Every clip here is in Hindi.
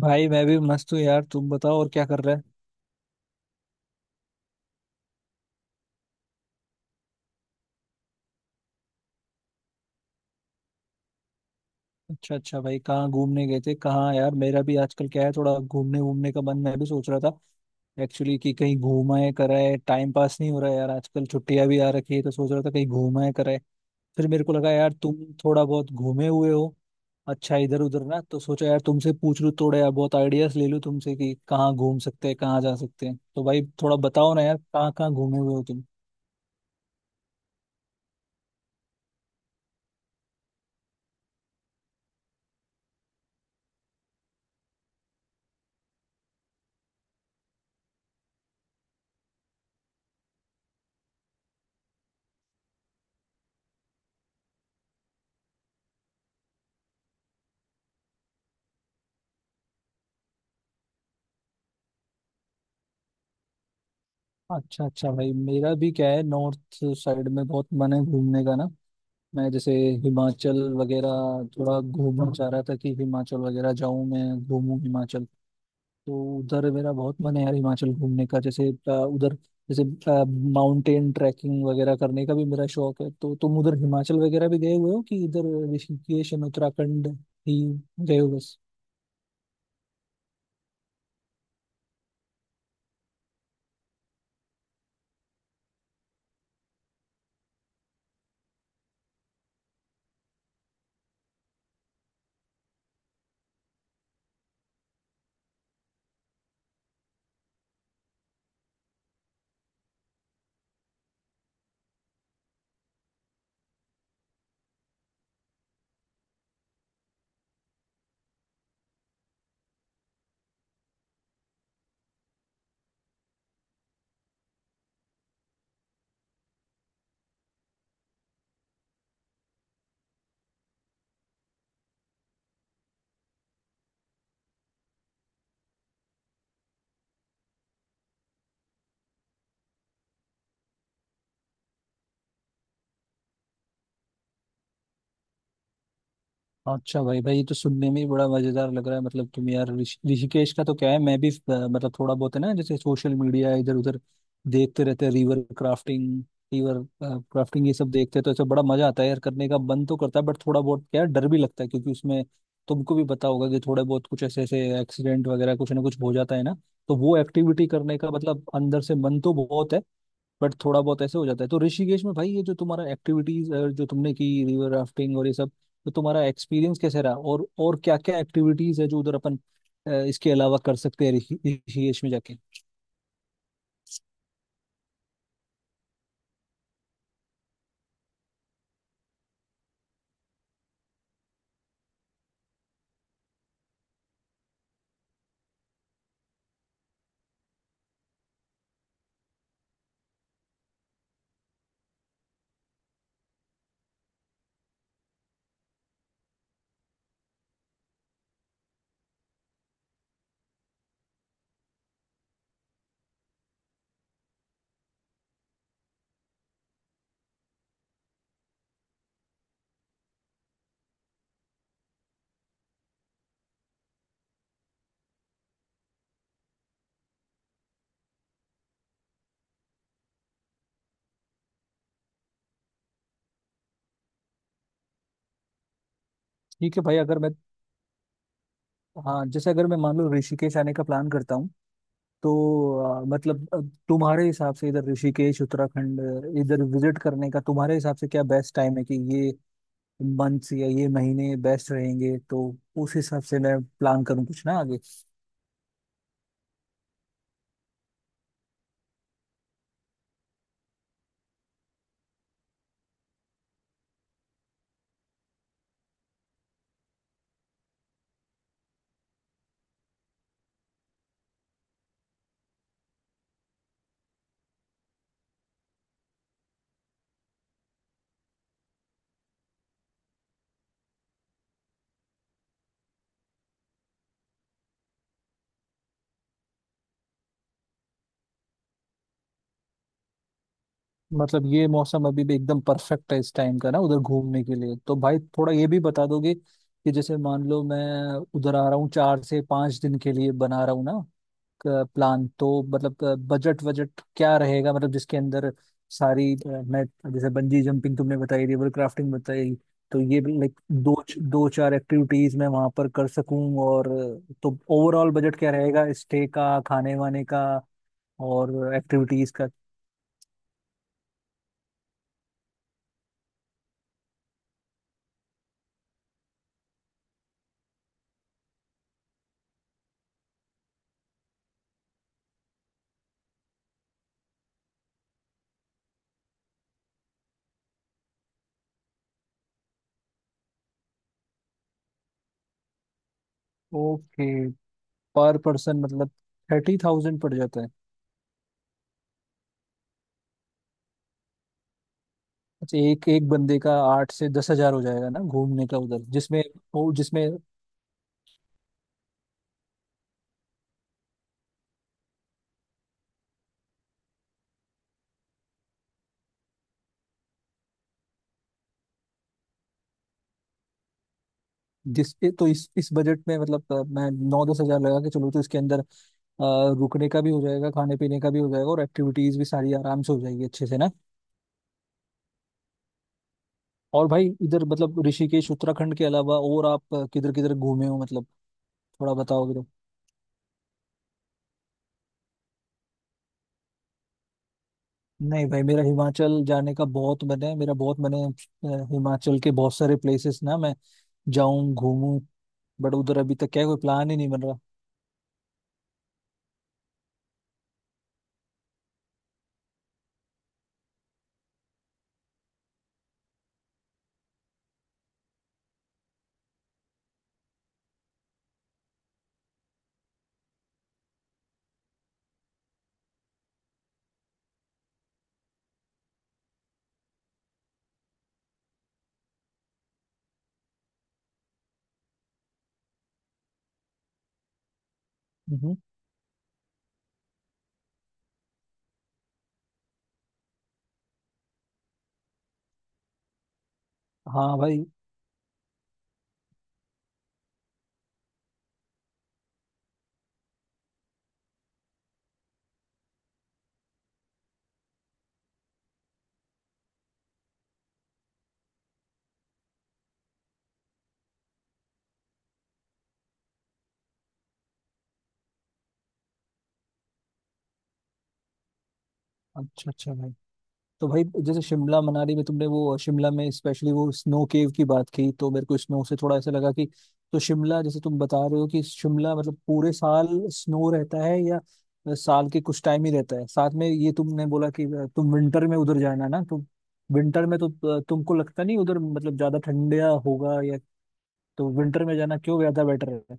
भाई मैं भी मस्त हूँ यार। तुम बताओ और क्या कर रहे हैं। अच्छा अच्छा भाई, कहाँ घूमने गए थे कहाँ? यार मेरा भी आजकल क्या है, थोड़ा घूमने घूमने का मन, मैं भी सोच रहा था एक्चुअली कि कहीं घूमाए कराए। टाइम पास नहीं हो रहा है यार आजकल, छुट्टियां भी आ रखी है तो सोच रहा था कहीं घूमाए कराए। फिर मेरे को लगा यार तुम थोड़ा बहुत घूमे हुए हो अच्छा इधर उधर, ना तो सोचा यार तुमसे पूछ लूँ थोड़ा, यार बहुत आइडियाज ले लूँ तुमसे कि कहाँ घूम सकते हैं कहाँ जा सकते हैं। तो भाई थोड़ा बताओ ना यार, कहाँ कहाँ घूमे हुए हो। अच्छा अच्छा भाई, मेरा भी क्या है, नॉर्थ साइड में बहुत मन है घूमने का ना। मैं जैसे हिमाचल वगैरह थोड़ा घूमना चाह रहा था कि हिमाचल वगैरह जाऊं, मैं घूमूं हिमाचल। तो उधर मेरा बहुत मन है यार हिमाचल घूमने का। जैसे उधर जैसे माउंटेन ट्रैकिंग वगैरह करने का भी मेरा शौक है। तो तुम उधर हिमाचल वगैरह भी गए हुए हो कि इधर ऋषिकेश एंड उत्तराखंड ही गए हो? अच्छा भाई भाई, ये तो सुनने में ही बड़ा मजेदार लग रहा है। मतलब तुम यार, ऋषिकेश का तो क्या है, मैं भी मतलब थोड़ा बहुत है ना, जैसे सोशल मीडिया इधर उधर देखते रहते हैं। रिवर क्राफ्टिंग, रिवर क्राफ्टिंग ये सब देखते हैं तो ऐसा बड़ा मजा आता है यार, करने का मन तो करता है। बट थोड़ा बहुत क्या है, डर भी लगता है क्योंकि उसमें तुमको भी पता होगा कि थोड़े बहुत कुछ ऐसे ऐसे एक्सीडेंट वगैरह कुछ ना कुछ हो जाता है ना। तो वो एक्टिविटी करने का मतलब अंदर से मन तो बहुत है, बट थोड़ा बहुत ऐसे हो जाता है। तो ऋषिकेश में भाई ये जो तुम्हारा एक्टिविटीज जो तुमने की, रिवर राफ्टिंग और ये सब, तो तुम्हारा एक्सपीरियंस कैसे रहा? और क्या क्या एक्टिविटीज है जो उधर अपन इसके अलावा कर सकते हैं ऋषिकेश में जाके? ठीक है भाई, अगर मैं, हाँ जैसे अगर मैं मान लो ऋषिकेश आने का प्लान करता हूँ तो मतलब तुम्हारे हिसाब से इधर ऋषिकेश उत्तराखंड इधर विजिट करने का तुम्हारे हिसाब से क्या बेस्ट टाइम है? कि ये मंथ्स या ये महीने बेस्ट रहेंगे तो उस हिसाब से मैं प्लान करूँ कुछ ना आगे। मतलब ये मौसम अभी भी एकदम परफेक्ट है इस टाइम का ना उधर घूमने के लिए? तो भाई थोड़ा ये भी बता दोगे कि जैसे मान लो मैं उधर आ रहा हूँ, 4 से 5 दिन के लिए बना रहा हूँ ना प्लान, तो मतलब बजट वजट क्या रहेगा? मतलब जिसके अंदर सारी, मैं, जैसे बंजी जंपिंग तुमने बताई, रिवर क्राफ्टिंग बताई, तो ये भी लाइक दो 2-4 एक्टिविटीज मैं वहां पर कर सकूं। और तो ओवरऑल बजट क्या रहेगा स्टे का, खाने वाने का और एक्टिविटीज का? ओके, पर पर्सन मतलब 30,000 पड़ जाता है? अच्छा एक एक बंदे का 8 से 10 हजार हो जाएगा ना घूमने का उधर जिसमें? वो जिसमें जिस तो इस बजट में मतलब मैं 9-10 हजार लगा के चलूँ तो इसके अंदर रुकने का भी हो जाएगा, खाने पीने का भी हो जाएगा और एक्टिविटीज भी सारी आराम से हो जाएगी अच्छे से ना? और भाई इधर मतलब ऋषिकेश उत्तराखंड के अलावा और आप किधर किधर घूमे हो मतलब, थोड़ा बताओगे तो? नहीं भाई, मेरा हिमाचल जाने का बहुत मन है, मेरा बहुत मन है। हिमाचल के बहुत सारे प्लेसेस ना मैं जाऊं घूमूं, बट उधर अभी तक क्या है, कोई प्लान ही नहीं बन रहा। हम्म। हाँ भाई। अच्छा अच्छा भाई, तो भाई जैसे शिमला मनाली में तुमने वो, शिमला में स्पेशली वो स्नो केव की बात की, तो मेरे को स्नो से थोड़ा ऐसा लगा कि, तो शिमला जैसे तुम बता रहे हो कि शिमला मतलब पूरे साल स्नो रहता है या साल के कुछ टाइम ही रहता है? साथ में ये तुमने बोला कि तुम विंटर में उधर जाना ना, तो विंटर में तो तुमको लगता नहीं उधर मतलब ज्यादा ठंडा होगा या? तो विंटर में जाना क्यों ज्यादा बेटर है?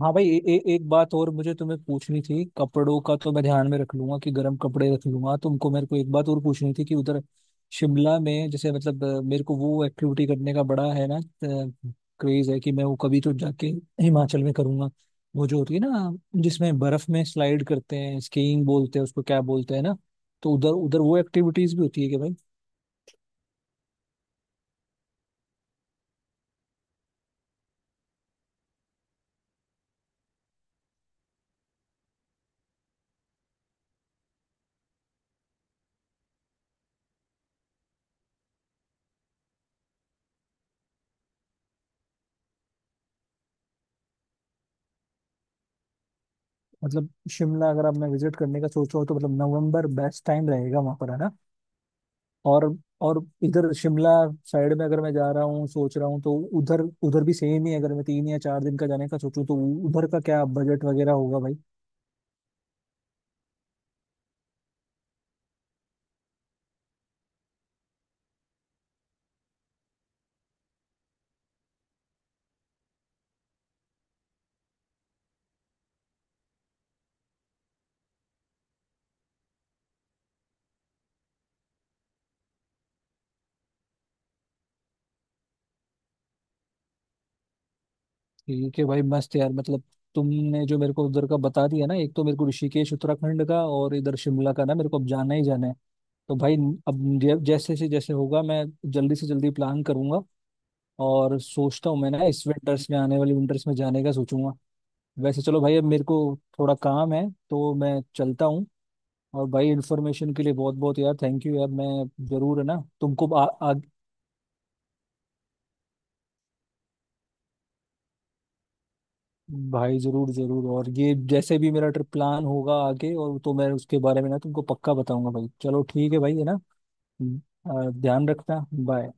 हाँ भाई, ए, ए, एक बात और मुझे तुम्हें पूछनी थी। कपड़ों का तो मैं ध्यान में रख लूंगा कि गर्म कपड़े रख लूंगा। तुमको, मेरे को एक बात और पूछनी थी कि उधर शिमला में जैसे मतलब मेरे को वो एक्टिविटी करने का बड़ा है ना क्रेज है कि मैं वो कभी तो जाके हिमाचल में करूंगा, वो जो होती है ना जिसमें बर्फ में स्लाइड करते हैं, स्कीइंग बोलते हैं उसको क्या बोलते हैं ना। तो उधर उधर वो एक्टिविटीज भी होती है कि भाई? मतलब शिमला अगर आप, मैं विजिट करने का सोच रहा हूँ, तो मतलब नवंबर बेस्ट टाइम रहेगा वहां पर है ना? और और इधर शिमला साइड में अगर मैं जा रहा हूँ, सोच रहा हूँ, तो उधर, उधर भी सेम ही है? अगर मैं 3 या 4 दिन का जाने का सोचूं तो उधर का क्या बजट वगैरह होगा भाई? ठीक है भाई, मस्त यार, मतलब तुमने जो मेरे को उधर का बता दिया ना, एक तो मेरे को ऋषिकेश उत्तराखंड का और इधर शिमला का, ना मेरे को अब जाना ही जाना है। तो भाई अब जैसे से जैसे होगा मैं जल्दी से जल्दी प्लान करूंगा और सोचता हूँ, मैं ना इस विंटर्स में, आने वाली विंटर्स में जाने का सोचूंगा। वैसे चलो भाई, अब मेरे को थोड़ा काम है तो मैं चलता हूँ। और भाई इन्फॉर्मेशन के लिए बहुत बहुत यार थैंक यू यार। मैं जरूर, है ना, तुमको आ, आ, भाई जरूर जरूर। और ये जैसे भी मेरा ट्रिप प्लान होगा आगे और, तो मैं उसके बारे में ना तुमको पक्का बताऊंगा भाई। चलो ठीक है भाई है ना। हम्म। ध्यान रखना, बाय।